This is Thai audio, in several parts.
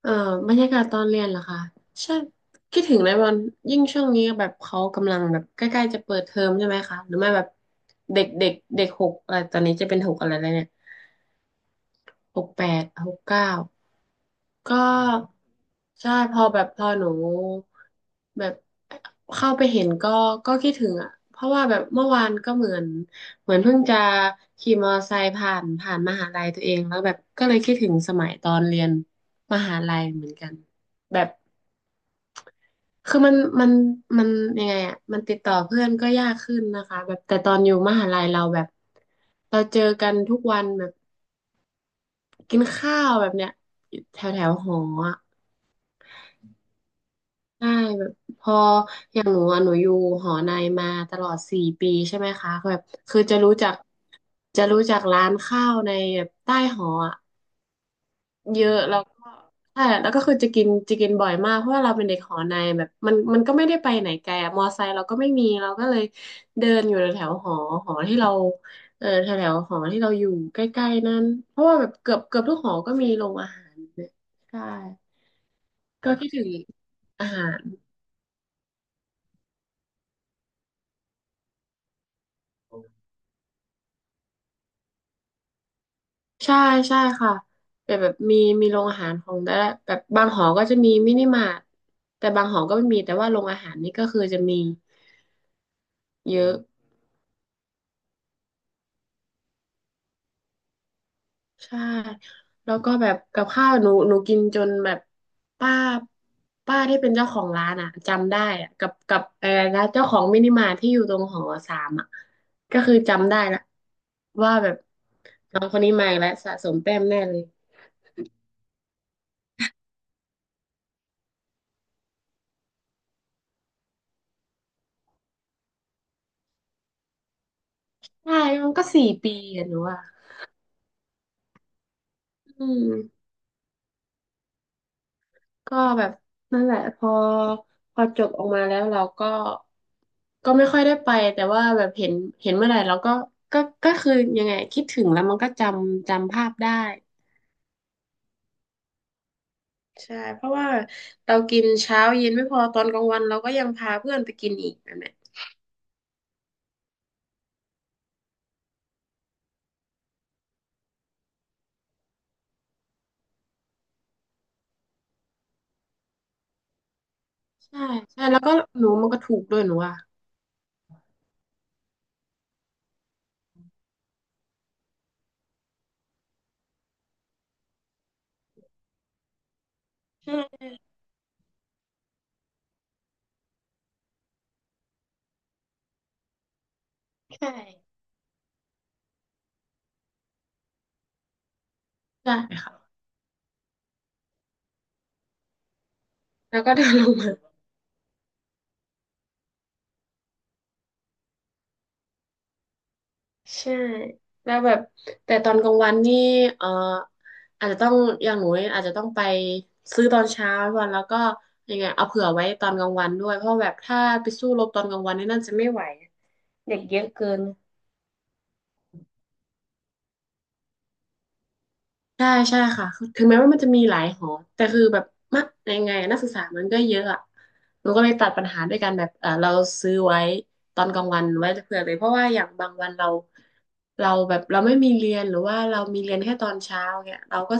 เอ่อบรรยากาศตอนเรียนเหรอคะใช่คิดถึงเลยวันยิ่งช่วงนี้แบบเขากำลังแบบใกล้ๆจะเปิดเทอมใช่ไหมคะหรือไม่แบบเด็กเด็กเด็กหกอะไรตอนนี้จะเป็นหกอะไรแล้วเนี่ยหกแปดหกเก้าก็ใช่พอแบบพอหนูแบบเข้าไปเห็นก็คิดถึงอ่ะเพราะว่าแบบเมื่อวานก็เหมือนเหมือนเพิ่งจะขี่มอเตอร์ไซค์ผ่านมหาลัยตัวเองแล้วแบบก็เลยคิดถึงสมัยตอนเรียนมหาลัยเหมือนกันแบบ คือมันยังไงอ่ะมันติดต่อเพื่อนก็ยากขึ้นนะคะแบบแต่ตอนอยู่มหาลัยเราแบบเราเจอกันทุกวันแบบกินข้าวแบบเนี้ยแถวแถวหออ่ะใช่แบบพออย่างหนูอะหนูอยู่หอในมาตลอดสี่ปีใช่ไหมคะแบบคือจะรู้จักร้านข้าวในแบบใต้หออ่ะ เยอะแล้วก็ใช่แล้วก็คือจะกินบ่อยมากเพราะว่าเราเป็นเด็กหอในแบบมันมันก็ไม่ได้ไปไหนไกลอะมอไซค์เราก็ไม่มีเราก็เลยเดินอยู่แถวหอหอที่เราเออแถวหอที่เราอยู่ใกล้ๆนั้นเพราะว่าแบบเกือบทุกหอก็มีโรงอาหารเนี่ยใช่ก็คิดถึงอาหารใช่ใช่ค่ะแบบแบบมีโรงอาหารของแต่ละแบบบางหอก็จะมีมินิมาร์ทแต่บางหอก็ไม่มีแต่ว่าโรงอาหารนี่ก็คือจะมีเยอะ ใช่แล้วก็แบบกับข้าวหนูกินจนแบบป้าป้าที่เป็นเจ้าของร้านอ่ะจำได้อ่ะกับร้านเจ้าของมินิมาร์ทที่อยู่ตรงหอสามอ่ะก็คือจำได้ละว่าแบบน้องคนนี้มาอีกแล้วสะสมแต้มแน่เลยใช่มันก็สี่ปีอ่ะหนูว่าอืม ก็แบบนั่นแหละพอจบออกมาแล้วเราก็ก็ไม่ค่อยได้ไปแต่ว่าแบบเห็นเมื่อไหร่เราก็ก็คือยังไงคิดถึงแล้วมันก็จำภาพได้ใช่เพราะว่าเรากินเช้าเย็นไม่พอตอนกลางวันเราก็ยังพาเพื่อนไปกินอีกแบบเนี้ยใช่ใช่แล้วก็หนูมันก็ถูกด้วยหนูอ่ะใช่ใช่ใช่ค่ะแล้วก็เดินลงมา ใช่แล้วแบบแต่ตอนกลางวันนี่เอ่ออาจจะต้องอย่างหนูอาจจะต้องไปซื้อตอนเช้าวันแล้วก็ยังไงเอาเผื่อไว้ตอนกลางวันด้วยเพราะแบบถ้าไปสู้รบตอนกลางวันนี่น่าจะไม่ไหวเด็กเยอะเกิน ใช่ใช่ค่ะคือถึงแม้ว่ามันจะมีหลายหอ แต่คือแบบมะยังไงอะนักศึกษามันก็เยอะอะหนูก็เลยตัดปัญหาด้วยการแบบเออเราซื้อไว้ตอนกลางวันไว้เผื่อเลยเพราะว่าอย่างบางวันเราแบบเราไม่มีเรียนหรือว่าเรามีเรียนแค่ตอนเช้าเนี่ยเราก็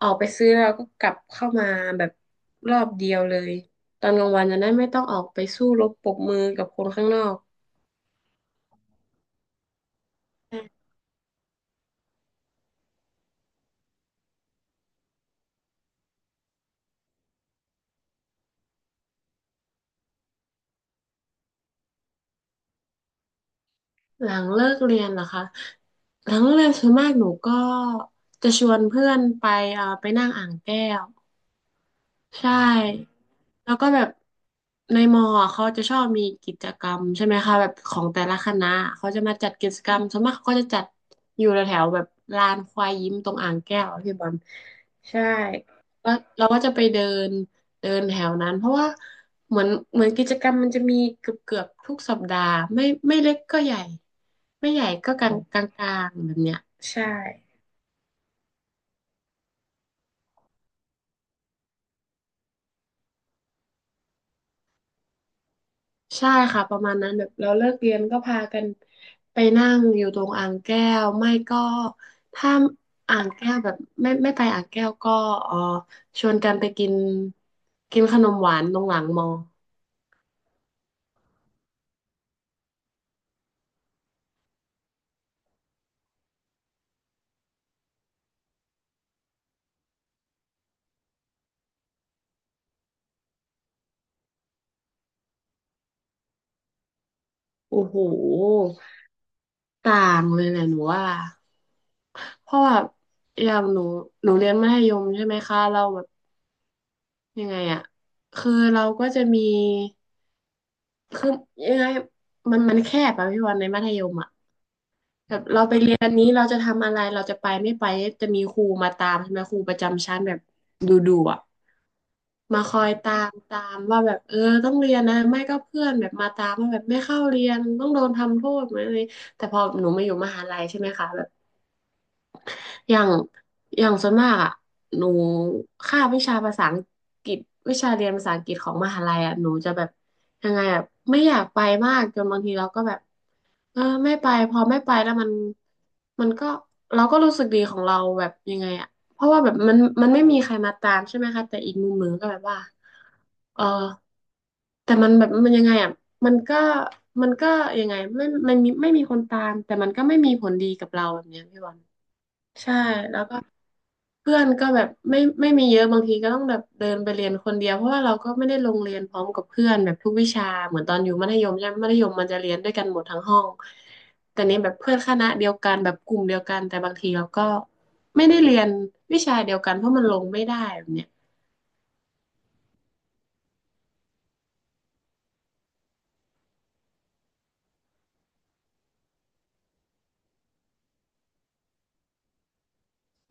ออกไปซื้อเราก็กลับเข้ามาแบบรอบเดียวเลยตอนกลางวันจะได้ไม่ต้องออกไปสู้รบปรบมือกับคนข้างนอก หลังเลิกเรียนเหรอคะหลังเลิกเรียนส่วนมากหนูก็จะชวนเพื่อนไปไปนั่งอ่างแก้วใช่ แล้วก็แบบในมออะเขาจะชอบมีกิจกรรมใช่ไหมคะแบบของแต่ละคณะเขาจะมาจัดกิจกรรมส่วนมากเขาก็จะจัดอยู่แถวๆแบบลานควายยิ้มตรงอ่างแก้วอะพี่บอลใช่แล้วเราก็จะไปเดินเดินแถวนั้นเพราะว่าเหมือนกิจกรรมมันจะมีเกือบทุกสัปดาห์ไม่เล็กก็ใหญ่ไม่ใหญ่ก็กลางๆแบบเนี้ยใช่ ใช่ค่ะประมาณนั้นแบบเราเลิกเรียนก็พากันไปนั่งอยู่ตรงอ่างแก้วไม่ก็ถ้าอ่างแก้วแบบไม่ไปอ่างแก้วก็เออชวนกันไปกินกินขนมหวานตรงหลังมอโอ้โหต่างเลยแหละหนูว่าเพราะว่าอย่างหนูหนูเรียนมัธยมใช่ไหมคะเราแบบยังไงอะคือเราก็จะมีคือยังไงมันมันแคบอะพี่วันในมัธยมอะ แบบเราไปเรียนนี้เราจะทำอะไรเราจะไปไม่ไปจะมีครูมาตามใช่ไหมครูประจำชั้นแบบดูดูอ่ะมาคอยตามว่าแบบเออต้องเรียนนะไม่ก็เพื่อนแบบมาตามว่าแบบไม่เข้าเรียนต้องโดนทำโทษเหมือนอะไรแต่พอหนูมาอยู่มหาลัยใช่ไหมคะแบบ อย่างอย่างส่วนมากอ่ะหนูคาบวิชาภาษาอังกฤษวิชาเรียนภาษาอังกฤษของมหาลัยอ่ะหนูจะแบบยังไงอ่ะไม่อยากไปมากจนบางทีเราก็แบบเออไม่ไปพอไม่ไปแล้วมันมันก็เราก็รู้สึกดีของเราแบบยังไงอ่ะเพราะว่าแบบมันมันไม่มีใครมาตามใช่ไหมคะแต่อีกมุมหนึ่งก็แบบว่าเออแต่มันแบบมันยังไงอ่ะมันก็มันก็ยังไงไม่มันมีไม่มีคนตามแต่มันก็ไม่มีผลดีกับเราแบบเนี้ยพี่บอล ใช่แล้วก็เพื่อนก็แบบไม่มีเยอะบางทีก็ต้องแบบเดินไปเรียนคนเดียวเพราะว่าเราก็ไม่ได้ลงเรียนพร้อมกับเพื่อนแบบทุกวิชาเหมือนตอนอยู่มัธยมใช่ไหมมัธยมมันจะเรียนด้วยกันหมดทั้งห้องแต่นี้แบบเพื่อนคณะเดียวกันแบบกลุ่มเดียวกันแต่บางทีเราก็ไม่ได้เรียนวิชาเดียวกันเพราะมันลงไม่ได้แบบเนี้ย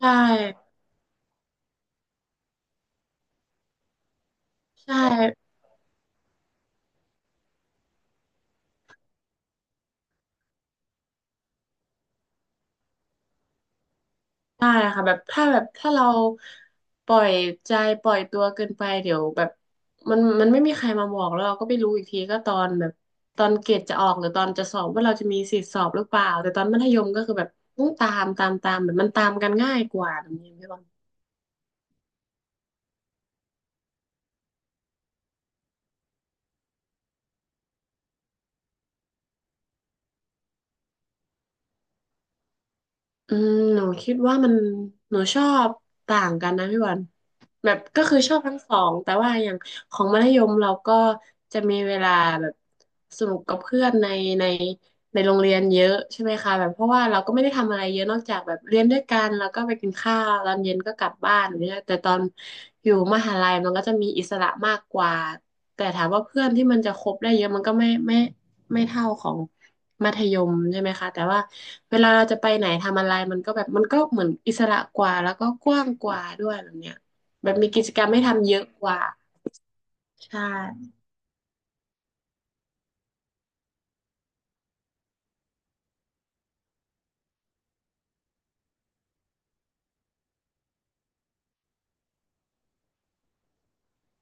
ใช่ใช่ ได้ค่ะแบบถ้าเราปล่อยใจปล่อยตัวเกินไปเดี๋ยวแบบมันมันไม่มีใครมาบอกแล้วเราก็ไปรู้อีกทีก็ตอนแบบตอนเกรดจะออกหรือตอนจะสอบว่าเราจะมีสิทธิสอบหรือเปล่าแต่ตอนมัธยมก็คือแบบต้องตามตามตามแบบมันตามกันง่ายกว่าแบบนี้พี่บอล อืมหนูคิดว่ามันหนูชอบต่างกันนะพี่วันแบบก็คือชอบทั้งสองแต่ว่าอย่างของมัธยมเราก็จะมีเวลาแบบสนุกกับเพื่อนในในโรงเรียนเยอะใช่ไหมคะแบบเพราะว่าเราก็ไม่ได้ทำอะไรเยอะนอกจากแบบเรียนด้วยกันแล้วก็ไปกินข้าวตอนเย็นก็กลับบ้านอย่างเนี่ยแต่ตอนอยู่มหาลัยมันก็จะมีอิสระมากกว่าแต่ถามว่าเพื่อนที่มันจะคบได้เยอะมันก็ไม่เท่าของ มัธยมใช่ไหมคะแต่ว่าเวลาเราจะไปไหนทำอะไรมันก็แบบมันก็เหมือนอิสระกว่าแล้วก็กว้างกว่าด้วยแบบเนี้ยแบบมีกิจกรรมให้ทำเยอะกว่าใช่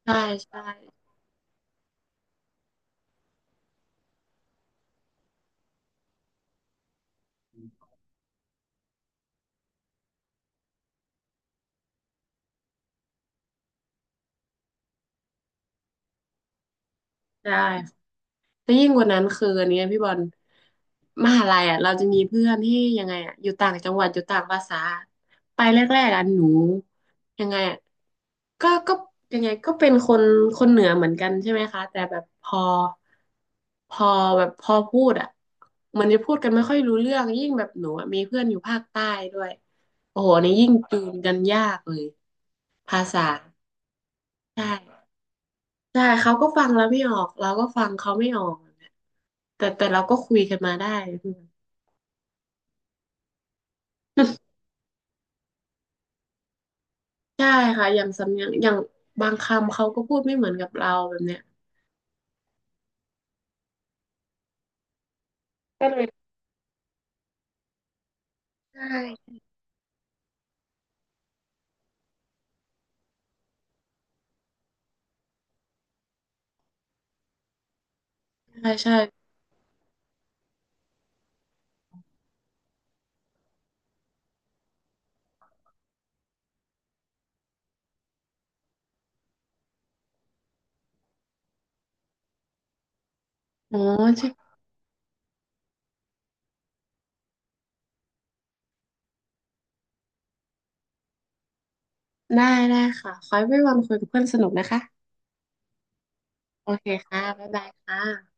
ใช่ใช่ใช่ แล้วยิ่งกว่านั้นคืออันเนี้ยพี่บอลมหาลัยอ่ะเราจะมีเพื่อนที่ยังไงอ่ะอยู่ต่างจังหวัดอยู่ต่างภาษาไปแรกๆอ่ะหนูยังไงอ่ะก็ยังไงก็เป็นคนคนเหนือเหมือนกันใช่ไหมคะแต่แบบพอพอพูดอ่ะมันจะพูดกันไม่ค่อยรู้เรื่องยิ่งแบบหนูอ่ะมีเพื่อนอยู่ภาคใต้ด้วยโอ้โหอันนี่ยิ่งจูนกันยากเลยภาษาใช่ ใช่เขาก็ฟังแล้วไม่ออก เราก็ฟังเขาไม่ออก แต่เราก็คุยกันมาได้ ใช่ค่ะอย่างสำเนียงอย่างบางคำเขาก็พูดไม่เหมือนกับเราแบบเนี้ยก็เลยใช่ใช่ใช่อ๋อใช่ได้ได้ค่ะขอให้วันคุยกับเพื่อนสนุกนะคะ โอเคค่ะ บ๊ายบายค่ะ